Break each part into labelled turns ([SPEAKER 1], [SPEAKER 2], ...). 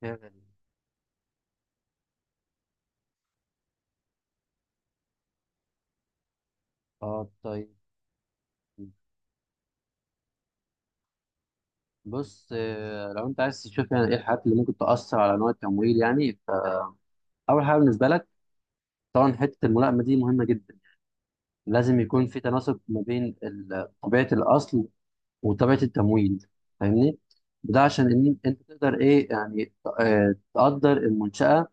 [SPEAKER 1] كيفن. اه، طيب. بص، لو انت عايز تشوف يعني ايه الحاجات اللي ممكن تأثر على نوع التمويل يعني. فأول حاجة بالنسبة لك، طبعا حتة الملائمة دي مهمة جدا. لازم يكون في تناسب ما بين طبيعة الأصل وطبيعة التمويل. فاهمني؟ ده عشان ان انت تقدر ايه يعني، تقدر المنشأة.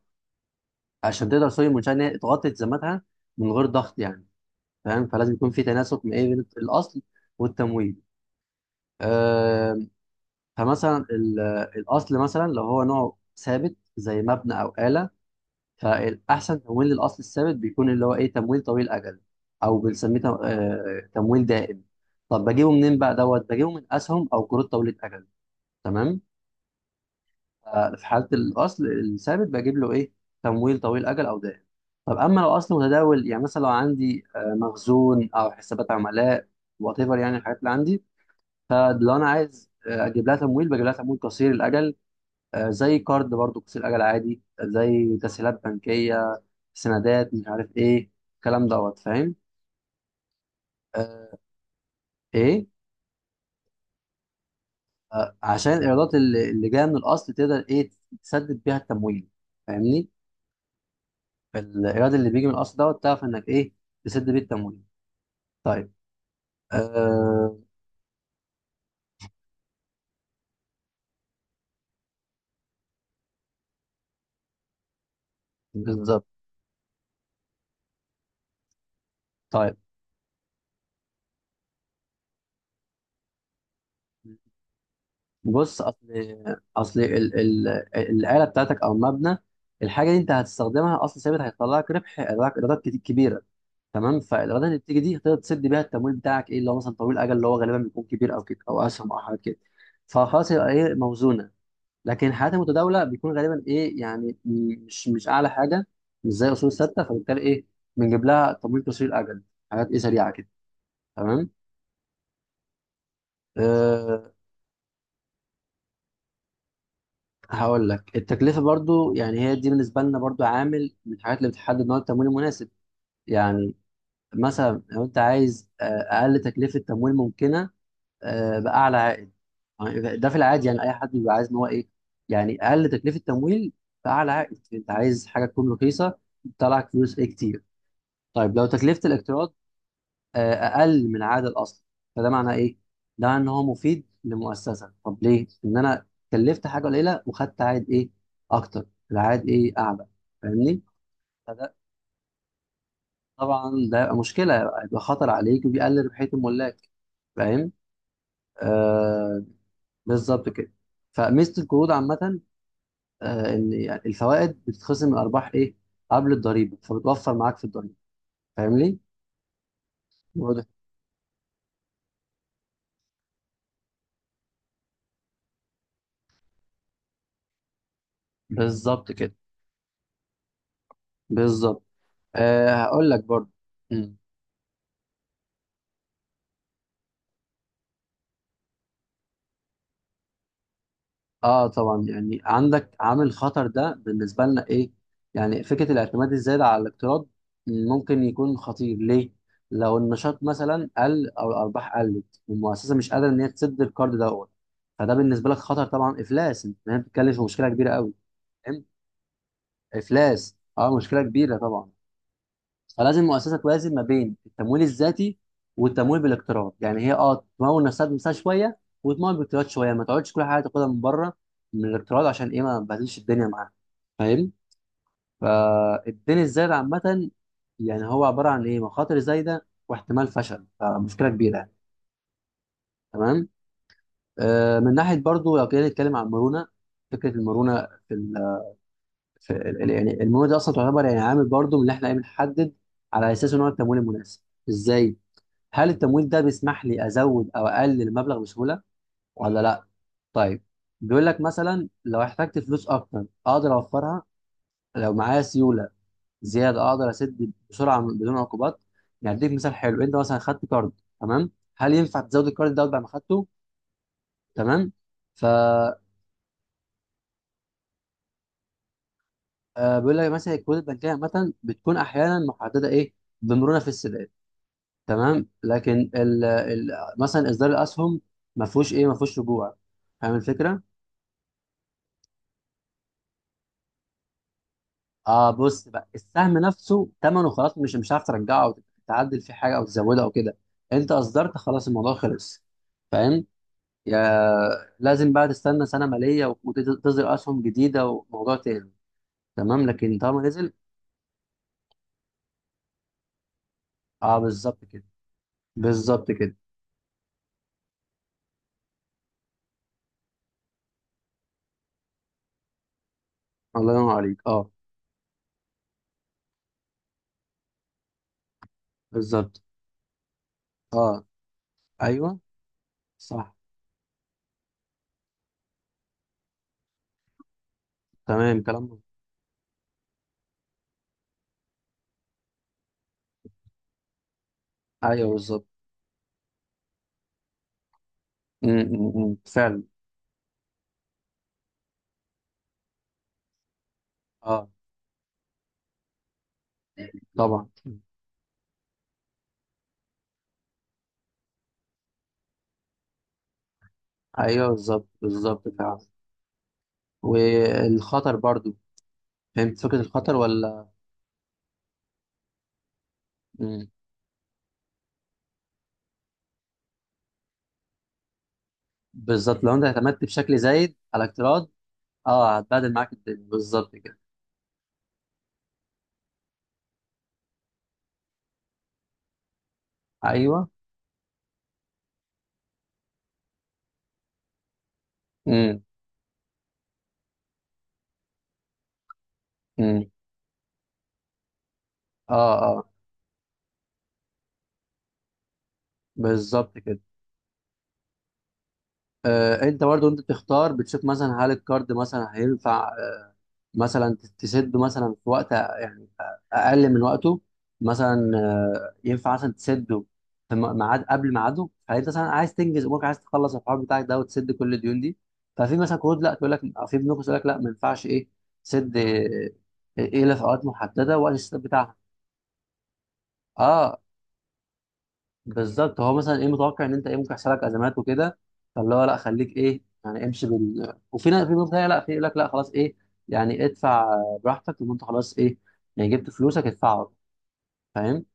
[SPEAKER 1] عشان تقدر، سوري، المنشأة ان هي تغطي التزاماتها من غير ضغط يعني. فاهم؟ فلازم يكون في تناسب ما إيه بين الأصل والتمويل. آه، فمثلا الاصل مثلا لو هو نوع ثابت زي مبنى او آلة، فالاحسن تمويل للاصل الثابت بيكون اللي هو ايه تمويل طويل الاجل، او بنسميه تمويل دائم. طب بجيبه منين بقى دوت، بجيبه من اسهم او قروض طويله اجل. تمام. في حاله الاصل الثابت بجيب له ايه تمويل طويل اجل او دائم. طب اما لو اصل متداول يعني، مثلا لو عندي مخزون او حسابات عملاء، وات ايفر يعني الحاجات اللي عندي. فلو انا عايز اجيب لها تمويل، بجيب لها تمويل قصير الاجل. زي كارد برضو قصير اجل عادي، زي تسهيلات بنكيه، سندات، مش عارف ايه الكلام دوت. فاهم. آه، ايه آه، عشان الايرادات اللي جايه من الاصل تقدر ايه تسدد بيها التمويل. فاهمني. الايراد اللي بيجي من الاصل دوت، تعرف انك ايه تسد بيه التمويل. طيب. آه بالظبط. طيب بص، اصل ال الاله بتاعتك او المبنى، الحاجه دي انت هتستخدمها اصل ثابت، هيطلع لك ربح، هيطلع لك ايرادات كبيره. تمام. فالايرادات اللي بتيجي دي تقدر تسد بيها التمويل بتاعك ايه، اللي هو مثلا طويل الاجل، اللي هو غالبا بيكون كبير او كده، او اسهم او حاجات كده. فخلاص يبقى ايه، موزونه. لكن الحالات المتداوله بيكون غالبا ايه يعني، مش اعلى حاجه، مش زي اصول ثابته، فبالتالي ايه، بنجيب لها تمويل قصير الاجل، حاجات ايه سريعه كده. تمام. أه هقول لك، التكلفه برضو يعني هي دي بالنسبه لنا برضو عامل من الحاجات اللي بتحدد نوع التمويل المناسب يعني. مثلا لو انت عايز اقل تكلفه تمويل ممكنه، باعلى عائد، يعني ده في العادي يعني اي حد بيبقى عايز ان هو ايه يعني، اقل تكلفه تمويل باعلى عائد. انت عايز حاجه تكون رخيصه، تطلعك فلوس ايه كتير. طيب لو تكلفه الاقتراض اقل من عائد الاصل، فده معناه ايه؟ ده ان هو مفيد لمؤسسه. طب ليه؟ ان انا كلفت حاجه قليله وخدت عائد ايه؟ اكتر. العائد ايه؟ اعلى. فاهمني؟ فده طبعا ده يبقى مشكله، يبقى خطر عليك وبيقلل ربحيه الملاك. فاهم؟ آه، بالظبط كده. فميزه القروض عامه ان يعني الفوائد بتتخصم من الارباح ايه قبل الضريبه، فبتوفر معاك في الضريبه. فاهمني. واضح. بالظبط كده. بالظبط. هقول لك برضه. مم. اه، طبعا يعني عندك عامل خطر، ده بالنسبه لنا ايه يعني، فكره الاعتماد الزايد على الاقتراض ممكن يكون خطير ليه. لو النشاط مثلا قل او الارباح قلت والمؤسسه مش قادره ان هي تسد القرض دوت، فده بالنسبه لك خطر طبعا، افلاس. انت هنا بتتكلم في مشكله كبيره قوي. افلاس، اه، مشكله كبيره طبعا. فلازم المؤسسه توازن ما بين التمويل الذاتي والتمويل بالاقتراض، يعني هي تمول نفسها بنفسها شويه وتمول بالاقتراض شويه، ما تقعدش كل حاجه تاخدها من بره، من الاقتراض، عشان ايه، ما تبهدلش الدنيا معاها. فاهم. فالدين الزايد عامه يعني هو عباره عن ايه مخاطر زايده واحتمال فشل، فمشكله كبيره يعني. تمام. من ناحيه برضو لو كنا نتكلم عن المرونه، فكره المرونه في يعني المواد دي اصلا تعتبر يعني عامل برضو من اللي احنا إيه بنحدد على اساسه نوع التمويل المناسب. ازاي؟ هل التمويل ده بيسمح لي ازود او اقلل المبلغ بسهوله ولا لا؟ طيب. بيقول لك مثلا لو احتجت فلوس اكتر اقدر اوفرها، لو معايا سيوله زياده اقدر اسد بسرعه بدون عقوبات. يعني اديك مثال حلو، انت مثلا خدت كارد، تمام، هل ينفع تزود الكارد ده بعد ما خدته؟ تمام. ف آه، بيقول لك مثلا الكروت البنكيه عامه بتكون احيانا محدده ايه، بمرونه في السداد. تمام. لكن ال ال مثلا اصدار الاسهم ما فيهوش ايه، ما فيهوش رجوع. فاهم الفكره. اه بص بقى، السهم نفسه ثمنه خلاص، مش هتعرف ترجعه او تعدل فيه حاجه او تزودها او كده. انت اصدرت خلاص، الموضوع خلص. فاهم. يا لازم بقى تستنى سنه ماليه وتصدر اسهم جديده وموضوع تاني. تمام لكن طالما نزل. اه بالظبط كده. بالظبط كده. الله ينور عليك. اه بالظبط. اه. ايوه صح. تمام كلام مظبوط. ايوه بالظبط. م- م- م. فعلا. اه طبعا. ايوه، بالظبط بالظبط، فعلا. والخطر برضو، فهمت فكره الخطر ولا؟ مم. بالظبط، لو انت اعتمدت بشكل زايد على الاقتراض، اه، هتبهدل معاك الدنيا بالظبط كده. ايوه. امم امم اه اه، بالظبط كده. انت برضو انت بتختار، بتشوف مثلا هل الكارد مثلا هينفع مثلا تسد مثلا في وقت يعني اقل من وقته، مثلا ينفع مثلا تسده في ميعاد قبل ميعاده، فانت مثلا عايز تنجز امورك، عايز تخلص الحوار بتاعك ده وتسد كل الديون دي. ففي مثلا قروض لا، تقول لك، في بنوك تقول لك لا ما ينفعش ايه تسد ايه الا في اوقات محدده، وقت السداد بتاعها. اه بالظبط. هو مثلا ايه متوقع ان انت ايه ممكن يحصل لك ازمات وكده، فاللي هو لا، خليك ايه يعني، امشي بال. وفي ناس، في ناس تانية لا، في يقول لك لا خلاص ايه يعني، ادفع براحتك، لما انت خلاص ايه يعني جبت فلوسك، ادفعها. فاهم.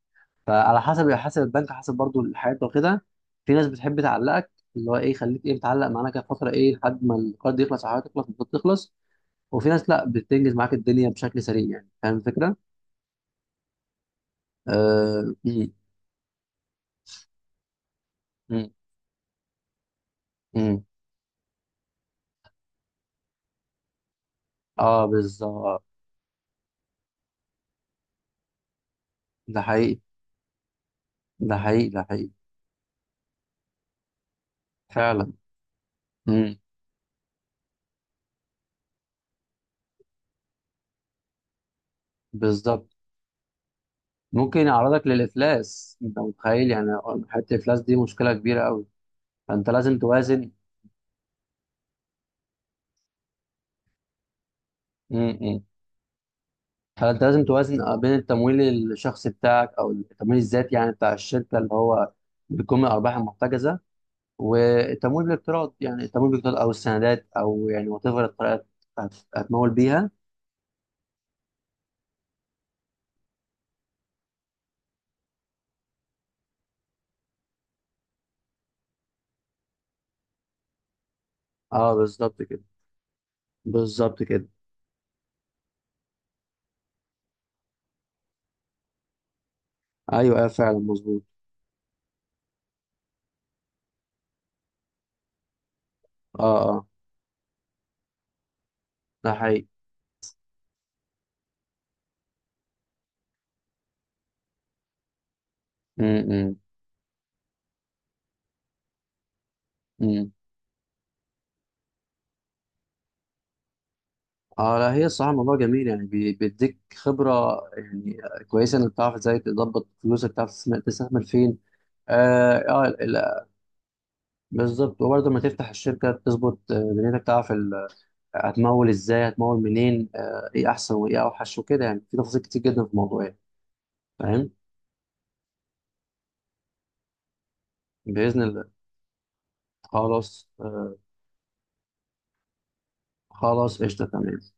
[SPEAKER 1] فعلى حسب البنك، حسب برضو الحياة وكده. في ناس بتحب تعلقك، اللي هو ايه خليك ايه متعلق معانا كده فتره ايه لحد ما القرض يخلص، او حياتك تخلص، المفروض تخلص. وفي ناس لا بتنجز معاك الدنيا بشكل سريع يعني. فاهم الفكره؟ اه. م- م- م. آه بالظبط. ده حقيقي، ده حقيقي، ده حقيقي فعلا. امم. بالظبط. ممكن يعرضك للافلاس انت متخيل يعني. حته الافلاس دي مشكله كبيره قوي، فانت لازم توازن. امم فانت لازم توازن بين التمويل الشخصي بتاعك او التمويل الذاتي يعني بتاع الشركه، اللي هو بيكون من الارباح المحتجزه، والتمويل بالاقتراض، يعني التمويل بالاقتراض او السندات او يعني وات ايفر الطريقه هتمول بيها. اه بالظبط كده. بالظبط كده. ايوه اه، فعلا مظبوط. اه اه. ده حقيقي. امم. اه لا، هي الصراحه الموضوع جميل يعني، بيديك خبره يعني، كويسه انك تعرف ازاي تظبط فلوسك، تعرف تستثمر فين. اه، آه لا، بالظبط. وبرضه لما تفتح الشركه تظبط دنيتك، تعرف هتمول ازاي، هتمول منين، ايه احسن وايه اوحش وكده، يعني في تفاصيل كتير جدا في الموضوع يعني. فاهم. باذن الله. خلاص. خلاص قشطه. تمام.